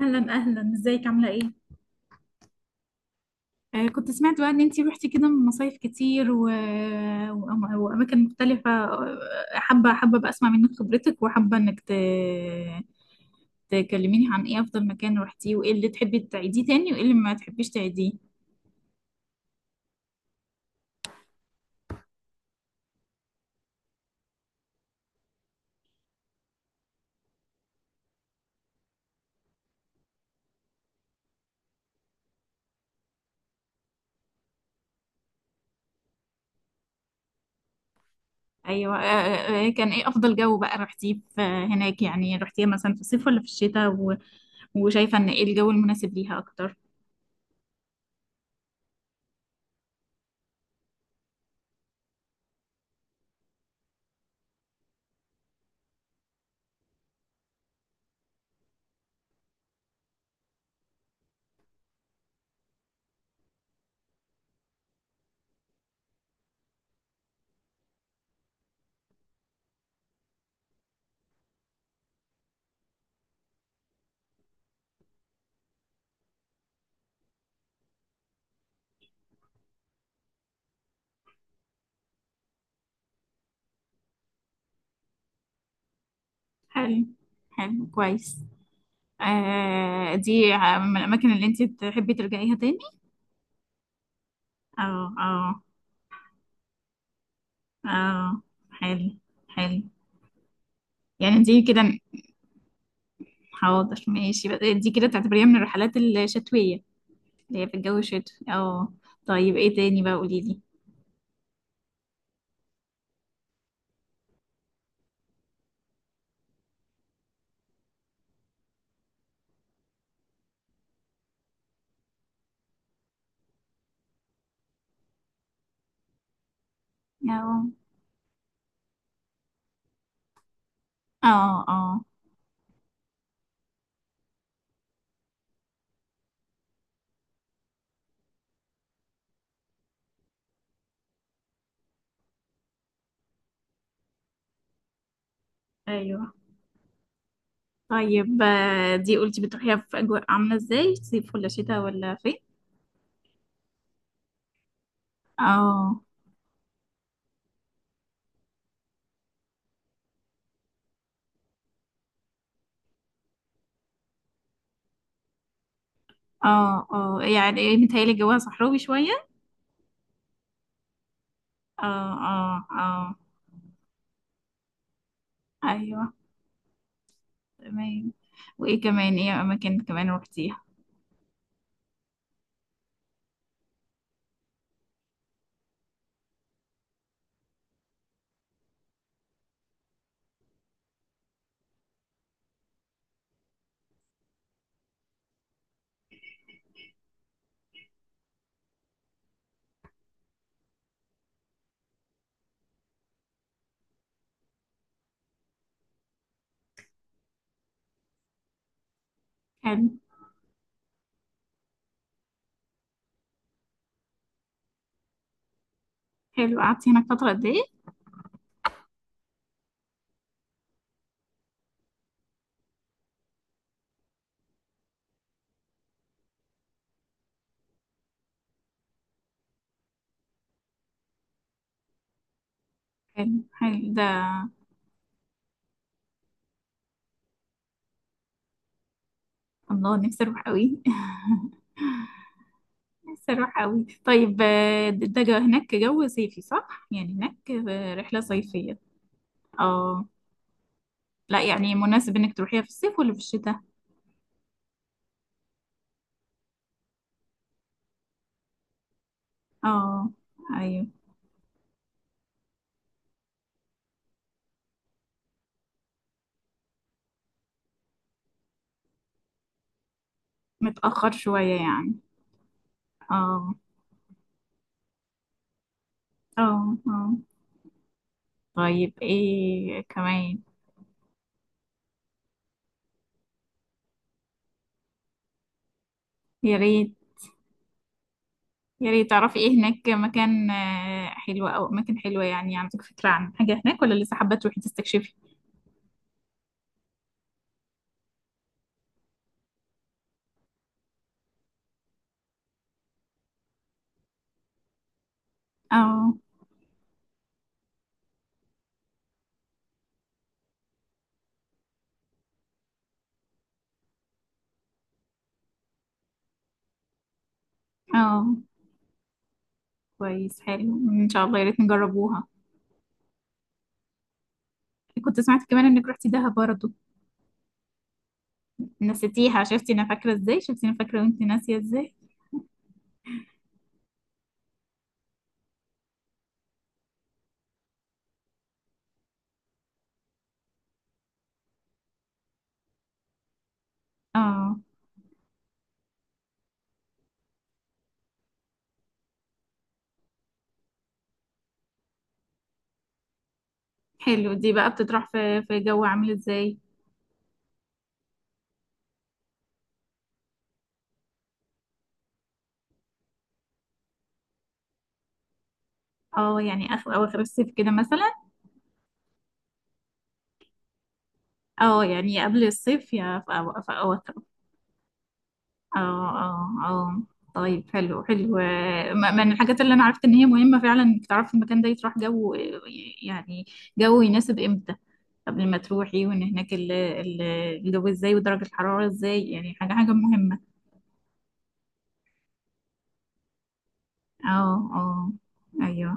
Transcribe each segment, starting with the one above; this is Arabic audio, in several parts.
اهلا اهلا، ازيك؟ عامله ايه؟ كنت سمعت بقى ان انتي روحتي كده مصايف كتير واماكن مختلفة. حابة حابة بقى اسمع منك خبرتك، وحابة انك تكلميني عن ايه افضل مكان روحتيه، وايه اللي تحبي تعيديه تاني، وايه اللي ما تحبيش تعيديه. ايوه. كان ايه افضل جو بقى روحتيه في هناك؟ يعني روحتيها مثلا في الصيف ولا في الشتاء وشايفة ان ايه الجو المناسب ليها اكتر؟ حلو، حلو كويس. آه، دي من الاماكن اللي انتي تحبي ترجعيها تاني؟ اه، اه، اه، حلو حلو، يعني دي كده. حاضر، ماشي بقى، دي كده تعتبريها من الرحلات الشتوية اللي هي في الجو الشتوي. اه، طيب ايه تاني بقى؟ قولي لي. اه، اه، اه، ايوه. طيب، دي قلتي بتروحيها في اجواء عاملة ازاي؟ صيف ولا شتاء ولا فين؟ اه، اه، اه، يعني ايه؟ متهيألي جواها صحراوي شوية. اه، اه، اه، ايوه تمام. وايه كمان؟ ايه اماكن كمان روحتيها؟ حلو، حلو، قعدتي هناك فترة قد ايه؟ حلو، حلو ده. الله، نفسي اروح قوي. نفسي اروح قوي. طيب، ده جو هناك جو صيفي صح؟ يعني هناك رحلة صيفية. اه، لا يعني مناسب انك تروحيها في الصيف ولا في الشتاء؟ اه، ايوه، متأخر شوية يعني. اه، اه، اه، طيب، ايه كمان؟ يا ريت. يا ريت تعرفي ايه هناك، مكان حلو او اماكن حلوة؟ يعني عندك فكرة عن حاجة هناك ولا لسه حابة تروحي تستكشفي؟ اه، اه، كويس حلو، ان شاء الله يا ريت نجربوها. كنت سمعت كمان انك رحتي دهب برضه. نسيتيها؟ شفتي انا فاكره ازاي، شفتي انا فاكره وانت ناسيه ازاي؟ اه، حلو. دي بقى بتطرح في جو عامل ازاي؟ اه، يعني اخر اواخر الصيف كده مثلا. اه، يعني قبل الصيف، يا في في أواخر. اه، اه، اه، طيب، حلو، حلو، من الحاجات اللي انا عرفت ان هي مهمة فعلا، انك تعرفي المكان ده يتراح جو يعني جو يناسب امتى، قبل ما تروحي، وان هناك الجو ازاي ودرجة الحرارة ازاي، يعني حاجة حاجة مهمة. اه، اه، ايوه.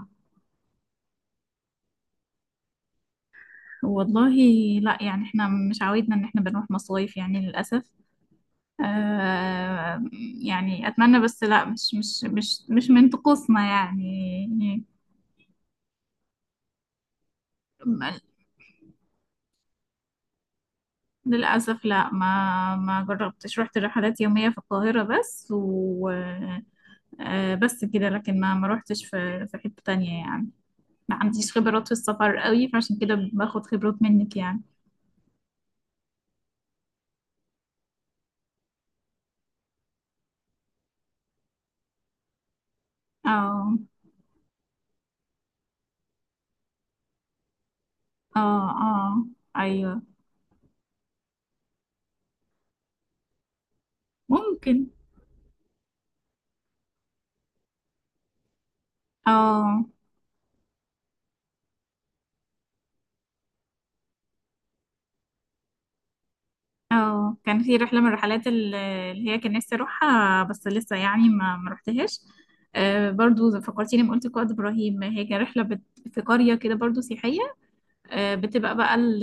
والله لا، يعني احنا مش عودنا ان احنا بنروح مصايف يعني للأسف. آه يعني اتمنى، بس لا، مش من طقوسنا يعني. للأسف لا، ما جربتش، رحت رحلات يومية في القاهرة بس، و آه، بس كده. لكن ما روحتش في حتة تانية يعني، ما عنديش خبرات في السفر قوي، فعشان كده باخد خبرات منك يعني. اه، اه، اه، ايوه، ممكن. اه، اه، كان في رحلة من الرحلات اللي هي كان نفسي اروحها، بس لسه يعني ما روحتهاش. برضو فكرتيني لما قلت قائد ابراهيم. هي كانت رحلة في قرية كده برضو سياحية. بتبقى بقى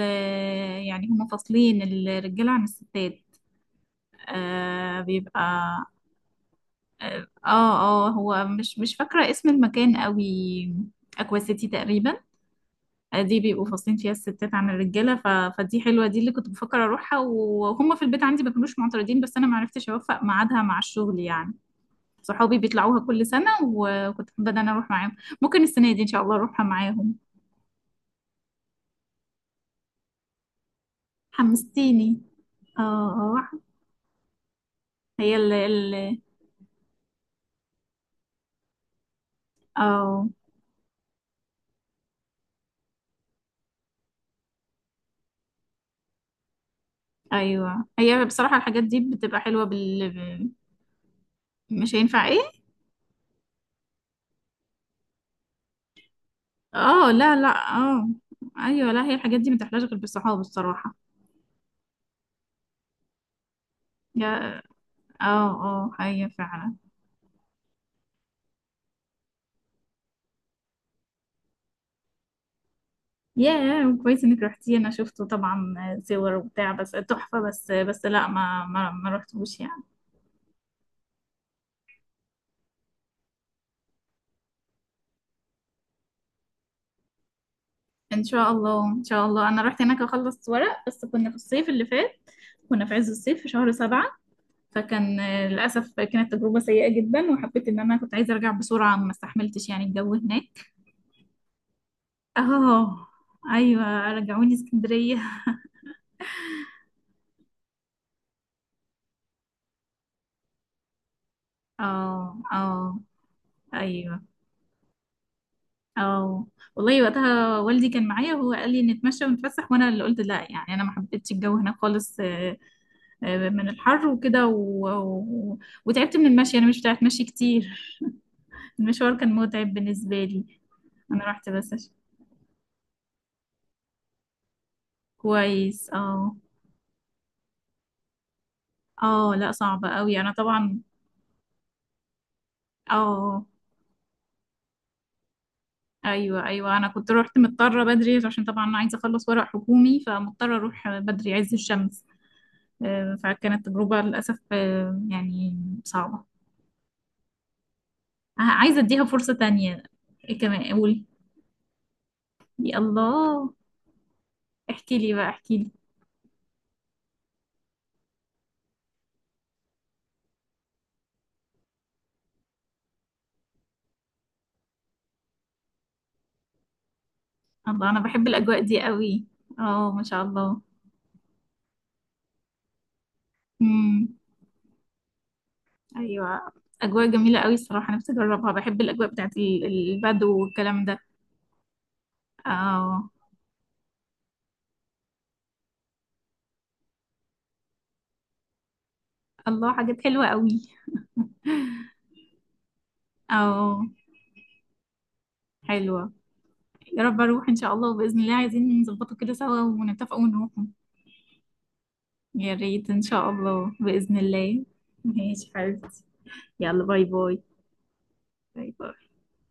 يعني هم فاصلين الرجالة عن الستات. بيبقى. اه، اه، هو مش فاكرة اسم المكان قوي. اكوا سيتي تقريبا. دي بيبقوا فاصلين فيها الستات عن الرجالة، فدي حلوة، دي اللي كنت بفكر اروحها، وهم في البيت عندي ما كانوش معترضين، بس انا ما عرفتش اوفق ميعادها مع الشغل يعني. صحابي بيطلعوها كل سنة، وكنت حابة ان انا اروح معاهم. ممكن السنة دي ان شاء الله اروحها معاهم. حمستيني، اه. هي اه، ايوه، هي بصراحه الحاجات دي بتبقى حلوه مش هينفع ايه؟ اه، لا لا، اه، ايوه، لا هي الحاجات دي ما تحلاش غير بالصحاب الصراحه. يا، اه، اه، هي فعلا. يا، كويس انك رحتي، انا شفته طبعا. صور وبتاع، بس تحفه. بس لا، ما رحتوش يعني. ان شاء الله، ان شاء الله، انا رحت هناك اخلص ورق، بس كنا في الصيف اللي فات، كنا في عز الصيف في شهر 7. فكان للأسف كانت تجربة سيئة جدا، وحبيت إن أنا كنت عايزة أرجع بسرعة، ما استحملتش يعني الجو هناك. اه، أيوة، رجعوني اسكندرية. اه، اه، أيوة، اه. والله، وقتها والدي كان معايا وهو قال لي نتمشى ونتفسح، وأنا اللي قلت لا، يعني أنا ما حبيتش الجو هناك خالص، من الحر وكده، وتعبت من المشي، أنا مش بتاعت مشي كتير. المشوار كان متعب بالنسبة لي. أنا رحت بس. كويس، اه، اه، لا صعبة قوي انا طبعا. اه، ايوه، ايوه، انا كنت رحت مضطره بدري عشان طبعا انا عايزه اخلص ورق حكومي، فمضطره اروح بدري عز الشمس. فكانت تجربه للاسف، يعني صعبه. عايزه اديها فرصه تانية. إيه كمان؟ قولي. يا الله، احكي لي بقى، احكي لي. الله، انا بحب الاجواء دي قوي. اه، ما شاء الله. امم. ايوه، اجواء جميله قوي الصراحه، نفسي اجربها، بحب الاجواء بتاعت البدو والكلام ده. اه، الله، حاجات حلوه قوي. اه، حلوه. يا رب اروح ان شاء الله وباذن الله، عايزين نظبطه كده سوا ونتفق ونروح. يا ريت ان شاء الله باذن الله. ماشي حبيبتي. يلا، باي باي. باي باي.